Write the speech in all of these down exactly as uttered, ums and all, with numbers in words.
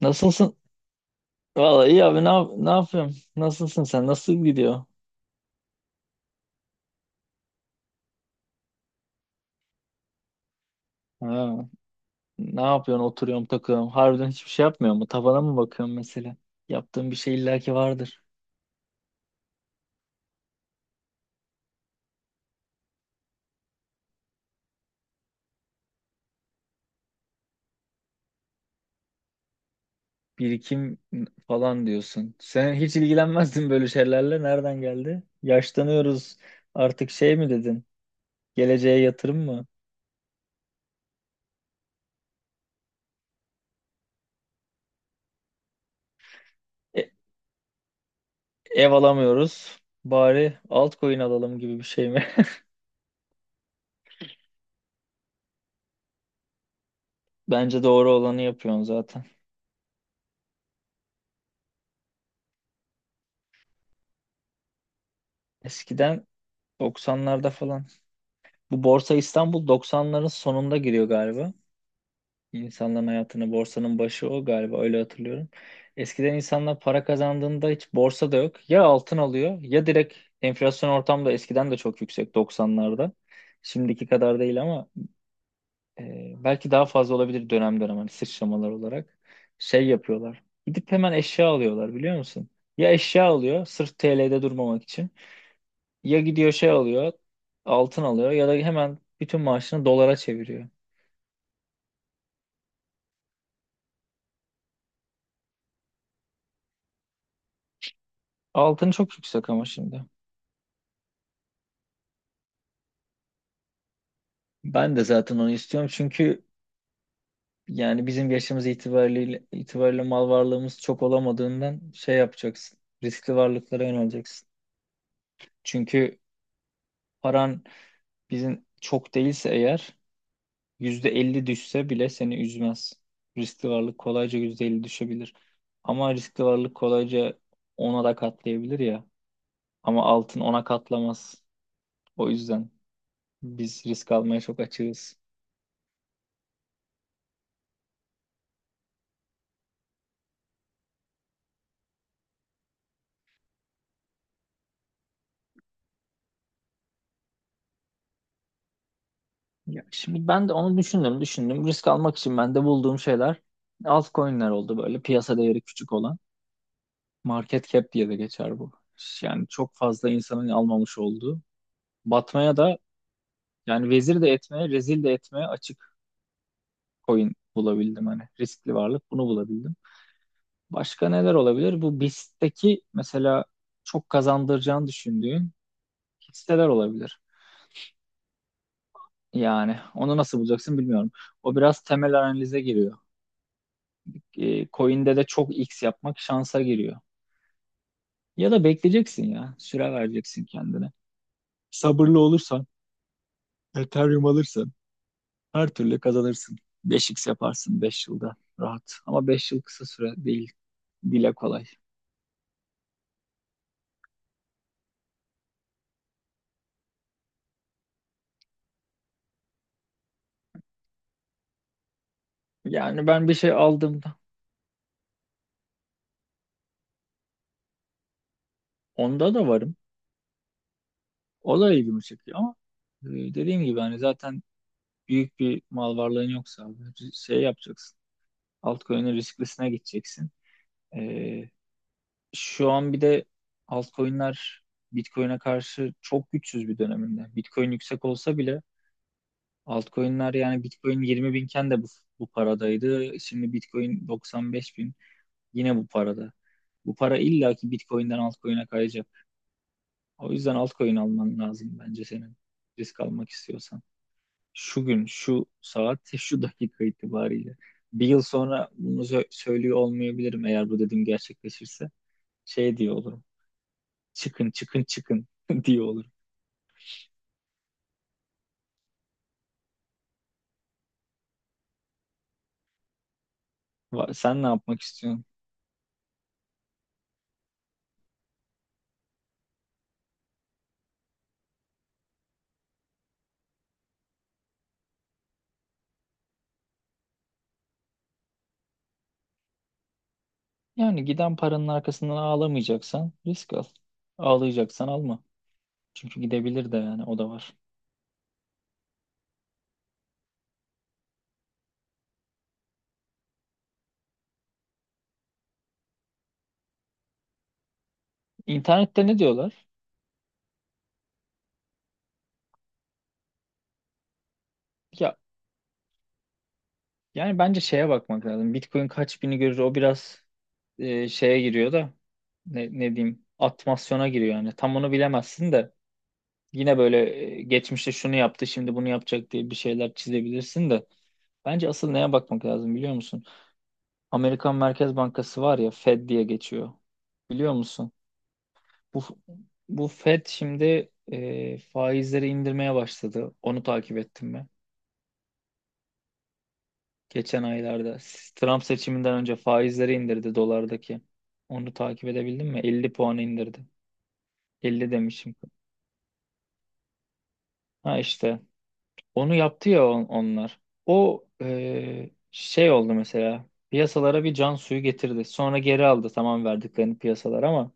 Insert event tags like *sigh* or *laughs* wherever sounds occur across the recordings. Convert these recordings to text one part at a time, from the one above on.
Nasılsın? Vallahi iyi abi, ne, yap ne yapıyorum? Nasılsın sen? Nasıl gidiyor? Ha, ne yapıyorsun? Oturuyorum, takıyorum. Harbiden hiçbir şey yapmıyor mu? Tavana mı bakıyorsun mesela? Yaptığın bir şey illaki vardır. Birikim falan diyorsun. Sen hiç ilgilenmezdin böyle şeylerle. Nereden geldi? Yaşlanıyoruz. Artık şey mi dedin? Geleceğe yatırım mı? E- ev alamıyoruz. Bari altcoin alalım gibi bir şey mi? *laughs* Bence doğru olanı yapıyorsun zaten. Eskiden doksanlarda falan. Bu Borsa İstanbul doksanların sonunda giriyor galiba. İnsanların hayatına borsanın başı o galiba, öyle hatırlıyorum. Eskiden insanlar para kazandığında hiç borsa da yok. Ya altın alıyor ya direkt, enflasyon ortamda eskiden de çok yüksek doksanlarda. Şimdiki kadar değil ama e, belki daha fazla olabilir dönem dönem, hani sıçramalar olarak. Şey yapıyorlar. Gidip hemen eşya alıyorlar, biliyor musun? Ya eşya alıyor sırf T L'de durmamak için. Ya gidiyor şey alıyor, altın alıyor ya da hemen bütün maaşını dolara çeviriyor. Altın çok yüksek ama şimdi. Ben de zaten onu istiyorum çünkü yani bizim yaşımız itibariyle, itibariyle mal varlığımız çok olamadığından şey yapacaksın. Riskli varlıklara yöneleceksin. Çünkü paran, bizim çok değilse eğer, yüzde elli düşse bile seni üzmez. Riskli varlık kolayca yüzde elli düşebilir. Ama riskli varlık kolayca ona da katlayabilir ya. Ama altın ona katlamaz. O yüzden biz risk almaya çok açığız. Ya şimdi ben de onu düşündüm, düşündüm. Risk almak için ben de bulduğum şeyler altcoin'ler oldu, böyle piyasa değeri küçük olan. Market cap diye de geçer bu. Yani çok fazla insanın almamış olduğu. Batmaya da, yani vezir de etmeye, rezil de etmeye açık coin bulabildim hani. Riskli varlık bunu bulabildim. Başka neler olabilir? Bu BIST'teki mesela çok kazandıracağını düşündüğün hisseler olabilir. Yani onu nasıl bulacaksın bilmiyorum. O biraz temel analize giriyor. E, coin'de de çok X yapmak şansa giriyor. Ya da bekleyeceksin ya. Süre vereceksin kendine. Sabırlı olursan, Ethereum alırsan her türlü kazanırsın. Beş x yaparsın beş yılda rahat. Ama beş yıl kısa süre değil. Dile kolay. Yani ben bir şey aldığımda onda da varım. O da ilgimi çekiyor ama e, dediğim gibi hani zaten büyük bir mal varlığın yoksa abi, şey yapacaksın. Altcoin'in risklisine gideceksin. E, Şu an bir de altcoin'ler Bitcoin'e karşı çok güçsüz bir döneminde. Bitcoin yüksek olsa bile altcoin'ler, yani Bitcoin yirmi binken de bu, bu paradaydı. Şimdi Bitcoin doksan beş bin, yine bu parada. Bu para illaki Bitcoin'den altcoin'e kayacak. O yüzden altcoin alman lazım bence senin, risk almak istiyorsan. Şu gün, şu saat, *laughs* şu dakika itibariyle. Bir yıl sonra bunu sö- söylüyor olmayabilirim eğer bu dediğim gerçekleşirse. Şey diyor olurum, çıkın çıkın çıkın *laughs* diye olur. Va- Sen ne yapmak istiyorsun? Yani giden paranın arkasından ağlamayacaksan risk al. Ağlayacaksan alma. Çünkü gidebilir de, yani o da var. İnternette ne diyorlar? Ya yani bence şeye bakmak lazım. Bitcoin kaç bini görür o biraz e, şeye giriyor da, ne, ne diyeyim, atmasyona giriyor yani. Tam onu bilemezsin de yine böyle, e, geçmişte şunu yaptı şimdi bunu yapacak diye bir şeyler çizebilirsin de, bence asıl neye bakmak lazım biliyor musun? Amerikan Merkez Bankası var ya, Fed diye geçiyor. Biliyor musun? Bu bu Fed şimdi e, faizleri indirmeye başladı. Onu takip ettim mi? Geçen aylarda Trump seçiminden önce faizleri indirdi dolardaki. Onu takip edebildin mi? elli puan indirdi. elli demişim. Ha işte onu yaptı ya on- onlar. O e, şey oldu, mesela piyasalara bir can suyu getirdi. Sonra geri aldı, tamam, verdiklerini piyasalar ama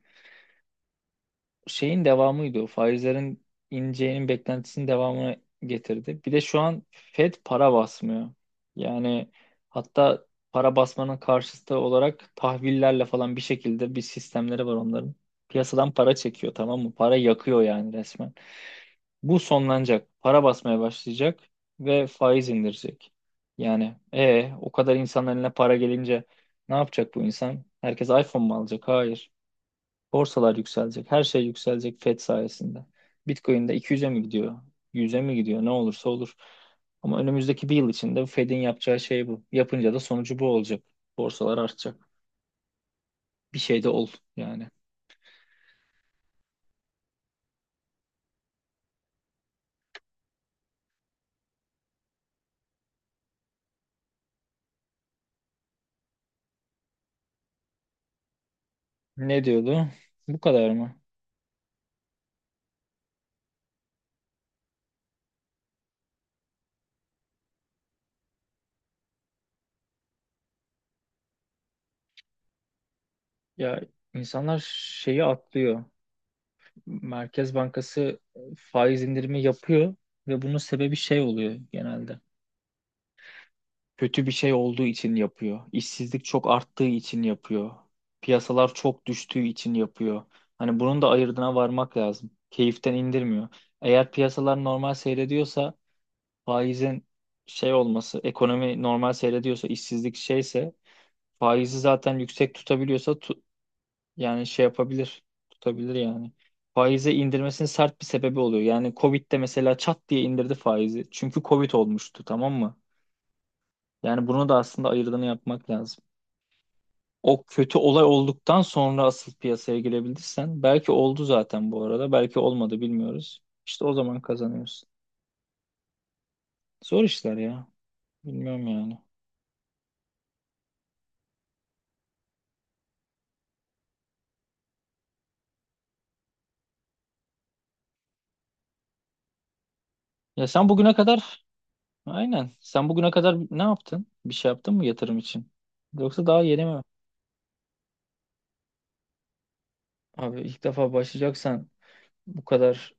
şeyin devamıydı o. Faizlerin ineceğinin beklentisinin devamını getirdi. Bir de şu an Fed para basmıyor. Yani hatta para basmanın karşıtı olarak tahvillerle falan bir şekilde bir sistemleri var onların. Piyasadan para çekiyor, tamam mı? Para yakıyor yani resmen. Bu sonlanacak. Para basmaya başlayacak ve faiz indirecek. Yani e o kadar insanların eline para gelince ne yapacak bu insan? Herkes iPhone mu alacak? Hayır. Borsalar yükselecek. Her şey yükselecek Fed sayesinde. Bitcoin de iki yüze mi gidiyor? yüze mi gidiyor? Ne olursa olur. Ama önümüzdeki bir yıl içinde Fed'in yapacağı şey bu. Yapınca da sonucu bu olacak. Borsalar artacak. Bir şey de ol yani. Ne diyordu? Bu kadar mı? Ya insanlar şeyi atlıyor. Merkez Bankası faiz indirimi yapıyor ve bunun sebebi şey oluyor genelde. Kötü bir şey olduğu için yapıyor. İşsizlik çok arttığı için yapıyor. Piyasalar çok düştüğü için yapıyor. Hani bunun da ayırdına varmak lazım. Keyiften indirmiyor. Eğer piyasalar normal seyrediyorsa, faizin şey olması, ekonomi normal seyrediyorsa, işsizlik şeyse, faizi zaten yüksek tutabiliyorsa, tu- yani şey yapabilir. Tutabilir yani. Faize indirmesinin sert bir sebebi oluyor. Yani Covid'de mesela çat diye indirdi faizi. Çünkü Covid olmuştu, tamam mı? Yani bunu da aslında ayırdığını yapmak lazım. O kötü olay olduktan sonra asıl piyasaya girebilirsen, belki oldu zaten bu arada, belki olmadı bilmiyoruz. İşte o zaman kazanıyorsun. Zor işler ya. Bilmiyorum yani. Ya sen bugüne kadar aynen Sen bugüne kadar ne yaptın? Bir şey yaptın mı yatırım için? Yoksa daha yeni mi? Abi ilk defa başlayacaksan bu kadar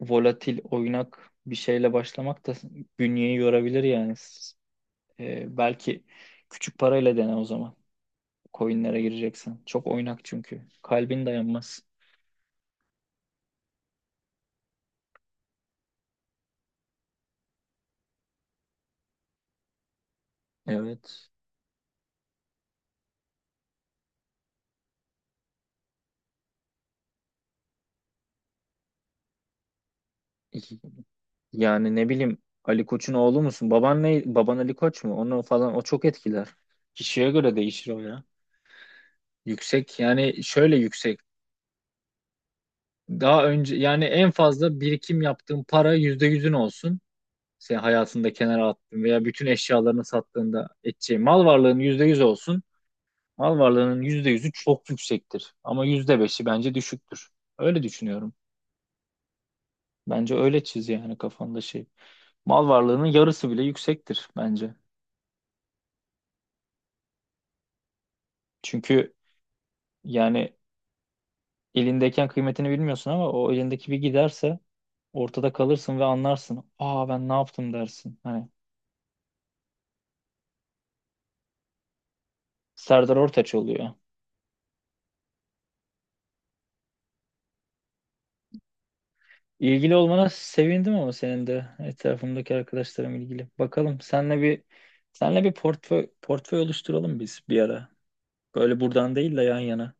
volatil, oynak bir şeyle başlamak da bünyeyi yorabilir yani. Ee, belki küçük parayla dene o zaman. Coinlere gireceksen. Çok oynak çünkü. Kalbin dayanmaz. Evet. İki- Yani ne bileyim, Ali Koç'un oğlu musun? Baban ne? Baban Ali Koç mu? Onu falan, o çok etkiler. Kişiye göre değişir o ya. Yüksek, yani şöyle yüksek. Daha önce yani en fazla birikim yaptığın para yüzde yüzün olsun. Sen hayatında kenara attığın veya bütün eşyalarını sattığında edeceğin mal varlığının yüzde yüz olsun. Mal varlığının yüzde yüzü çok yüksektir. Ama yüzde beşi bence düşüktür. Öyle düşünüyorum. Bence öyle çiz yani kafanda şey. Mal varlığının yarısı bile yüksektir bence. Çünkü yani elindeyken kıymetini bilmiyorsun ama o elindeki bir giderse ortada kalırsın ve anlarsın. Aa ben ne yaptım dersin hani. Serdar Ortaç oluyor. İlgili olmana sevindim, ama senin de etrafımdaki arkadaşlarım ilgili. Bakalım senle bir, senle bir portföy portföy oluşturalım biz bir ara. Böyle buradan değil de yan yana.